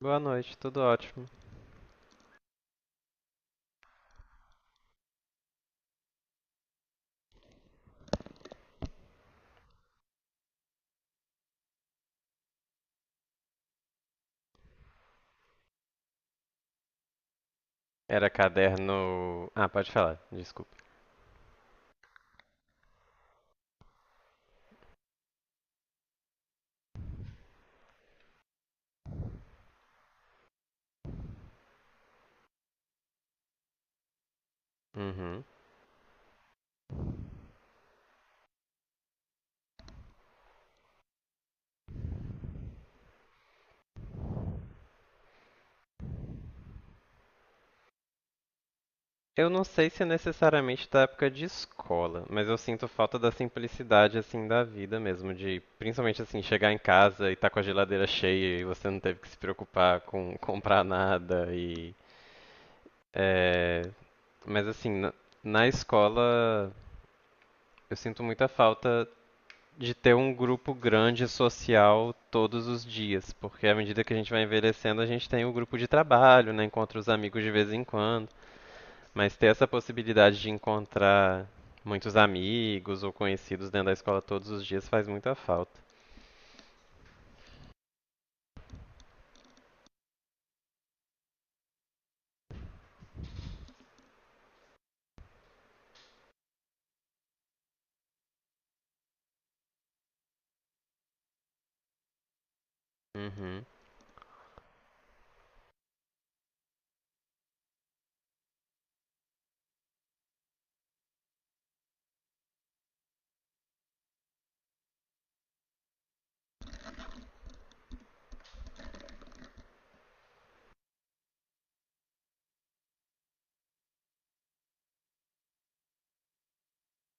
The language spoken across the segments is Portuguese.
Boa noite, tudo ótimo. Era caderno. Ah, pode falar, desculpa. Uhum. Eu não sei se é necessariamente da época de escola, mas eu sinto falta da simplicidade assim da vida mesmo, de principalmente assim chegar em casa e tá com a geladeira cheia e você não teve que se preocupar com comprar nada e é... mas assim na escola eu sinto muita falta de ter um grupo grande social todos os dias, porque à medida que a gente vai envelhecendo, a gente tem o grupo de trabalho, né, encontra os amigos de vez em quando, mas ter essa possibilidade de encontrar muitos amigos ou conhecidos dentro da escola todos os dias faz muita falta. Uhum.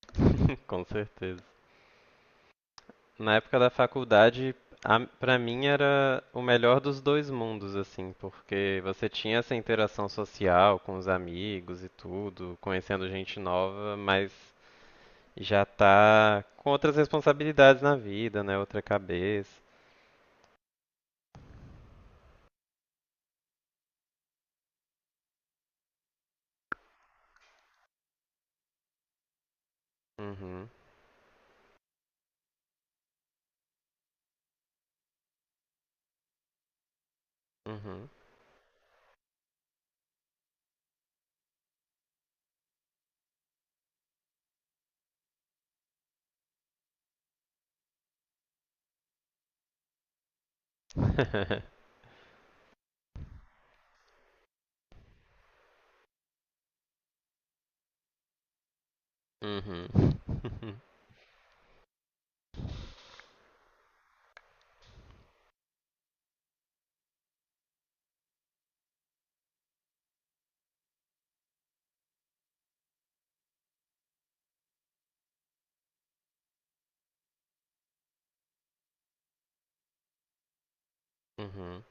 Com certeza. Na época da faculdade, pra mim era o melhor dos dois mundos, assim, porque você tinha essa interação social com os amigos e tudo, conhecendo gente nova, mas já tá com outras responsabilidades na vida, né? Outra cabeça. Uhum, uhum. Uhum. Uhum.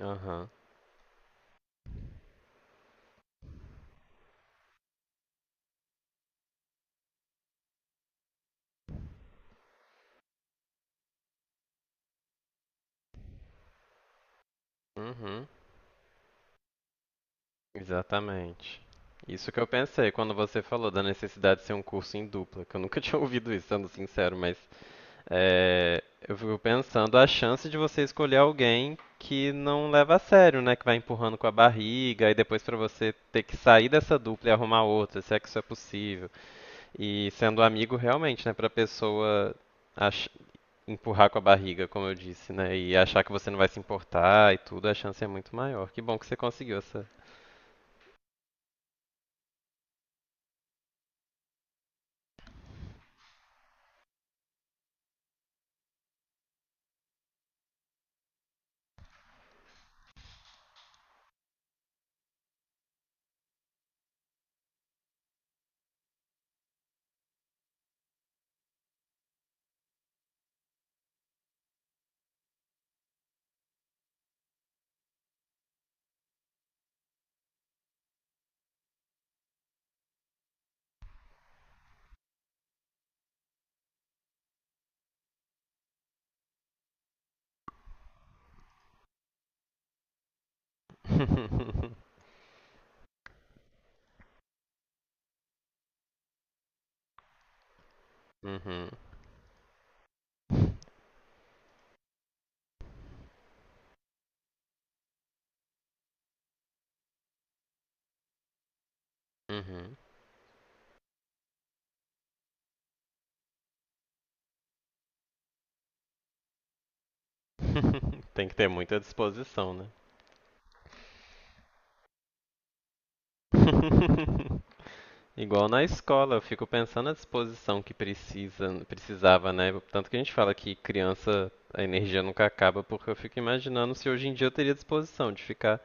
Aham. Uhum. Exatamente. Isso que eu pensei quando você falou da necessidade de ser um curso em dupla, que eu nunca tinha ouvido isso, sendo sincero, mas é, eu fico pensando a chance de você escolher alguém que não leva a sério, né? Que vai empurrando com a barriga e depois pra você ter que sair dessa dupla e arrumar outra, se é que isso é possível. E sendo amigo realmente, né, pra pessoa ach- empurrar com a barriga, como eu disse, né, e achar que você não vai se importar e tudo, a chance é muito maior. Que bom que você conseguiu essa. Uhum. Uhum. Tem que ter muita disposição, né? Igual na escola, eu fico pensando na disposição que precisa, precisava, né? Tanto que a gente fala que criança, a energia nunca acaba, porque eu fico imaginando se hoje em dia eu teria disposição de ficar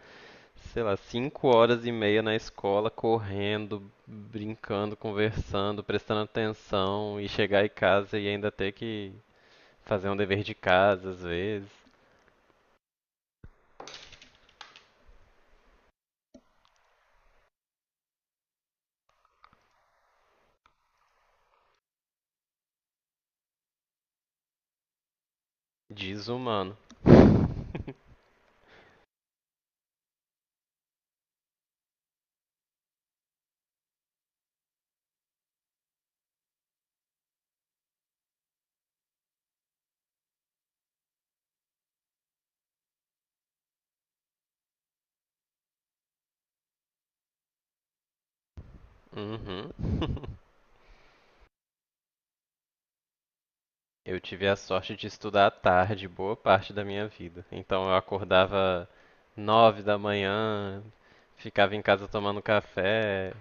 sei lá, 5 horas e meia na escola, correndo, brincando, conversando, prestando atenção e chegar em casa e ainda ter que fazer um dever de casa às vezes. Desumano. Uhum. Eu tive a sorte de estudar à tarde boa parte da minha vida. Então eu acordava 9 da manhã, ficava em casa tomando café,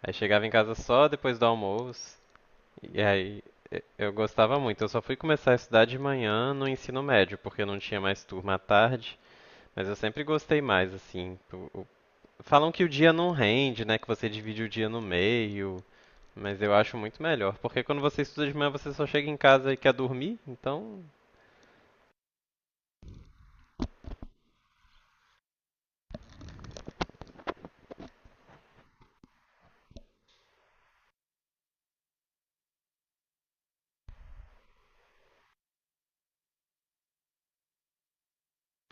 aí chegava em casa só depois do almoço. E aí, eu gostava muito. Eu só fui começar a estudar de manhã no ensino médio, porque eu não tinha mais turma à tarde, mas eu sempre gostei mais, assim. Falam que o dia não rende, né? Que você divide o dia no meio, mas eu acho muito melhor, porque quando você estuda de manhã, você só chega em casa e quer dormir, então.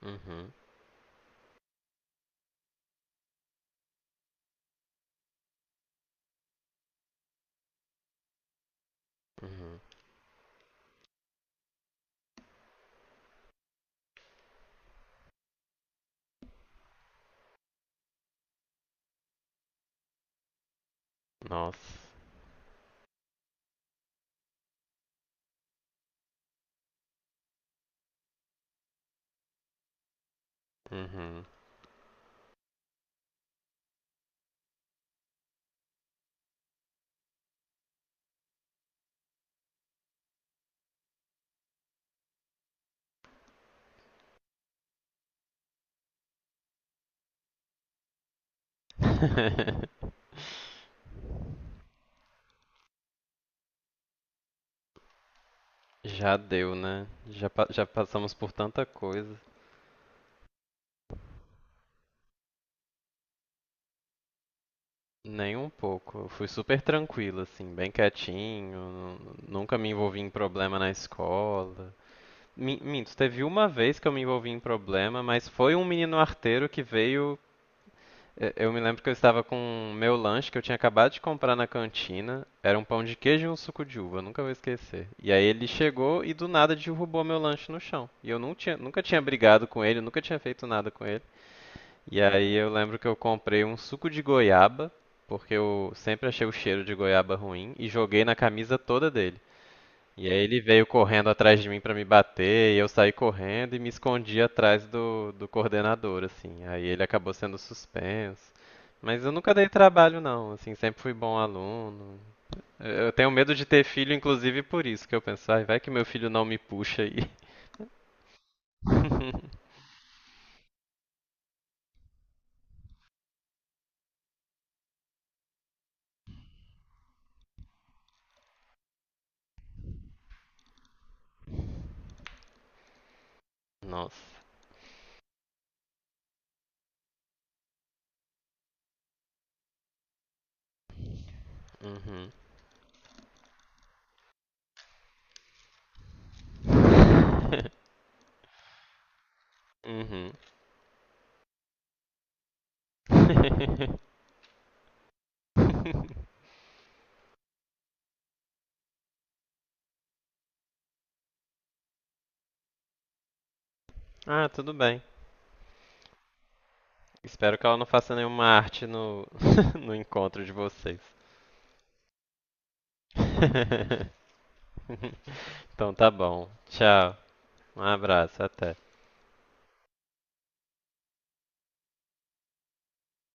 Uhum, uhum. Nossa. Uhum. Já deu, né? Já, já passamos por tanta coisa. Nem um pouco. Eu fui super tranquilo, assim, bem quietinho, nunca me envolvi em problema na escola. Minto, teve uma vez que eu me envolvi em problema, mas foi um menino arteiro que veio. Eu me lembro que eu estava com o meu lanche que eu tinha acabado de comprar na cantina. Era um pão de queijo e um suco de uva, eu nunca vou esquecer. E aí ele chegou e do nada derrubou meu lanche no chão. E eu não tinha, nunca tinha brigado com ele, nunca tinha feito nada com ele. E aí eu lembro que eu comprei um suco de goiaba, porque eu sempre achei o cheiro de goiaba ruim, e joguei na camisa toda dele. E aí ele veio correndo atrás de mim pra me bater, e eu saí correndo e me escondi atrás do coordenador, assim. Aí ele acabou sendo suspenso. Mas eu nunca dei trabalho não, assim, sempre fui bom aluno. Eu tenho medo de ter filho, inclusive por isso que eu penso, ai, vai que meu filho não me puxa aí. Nossa. Uhum. Uhum. Ah, tudo bem. Espero que ela não faça nenhuma arte no, no encontro de vocês. Então tá bom. Tchau. Um abraço, até.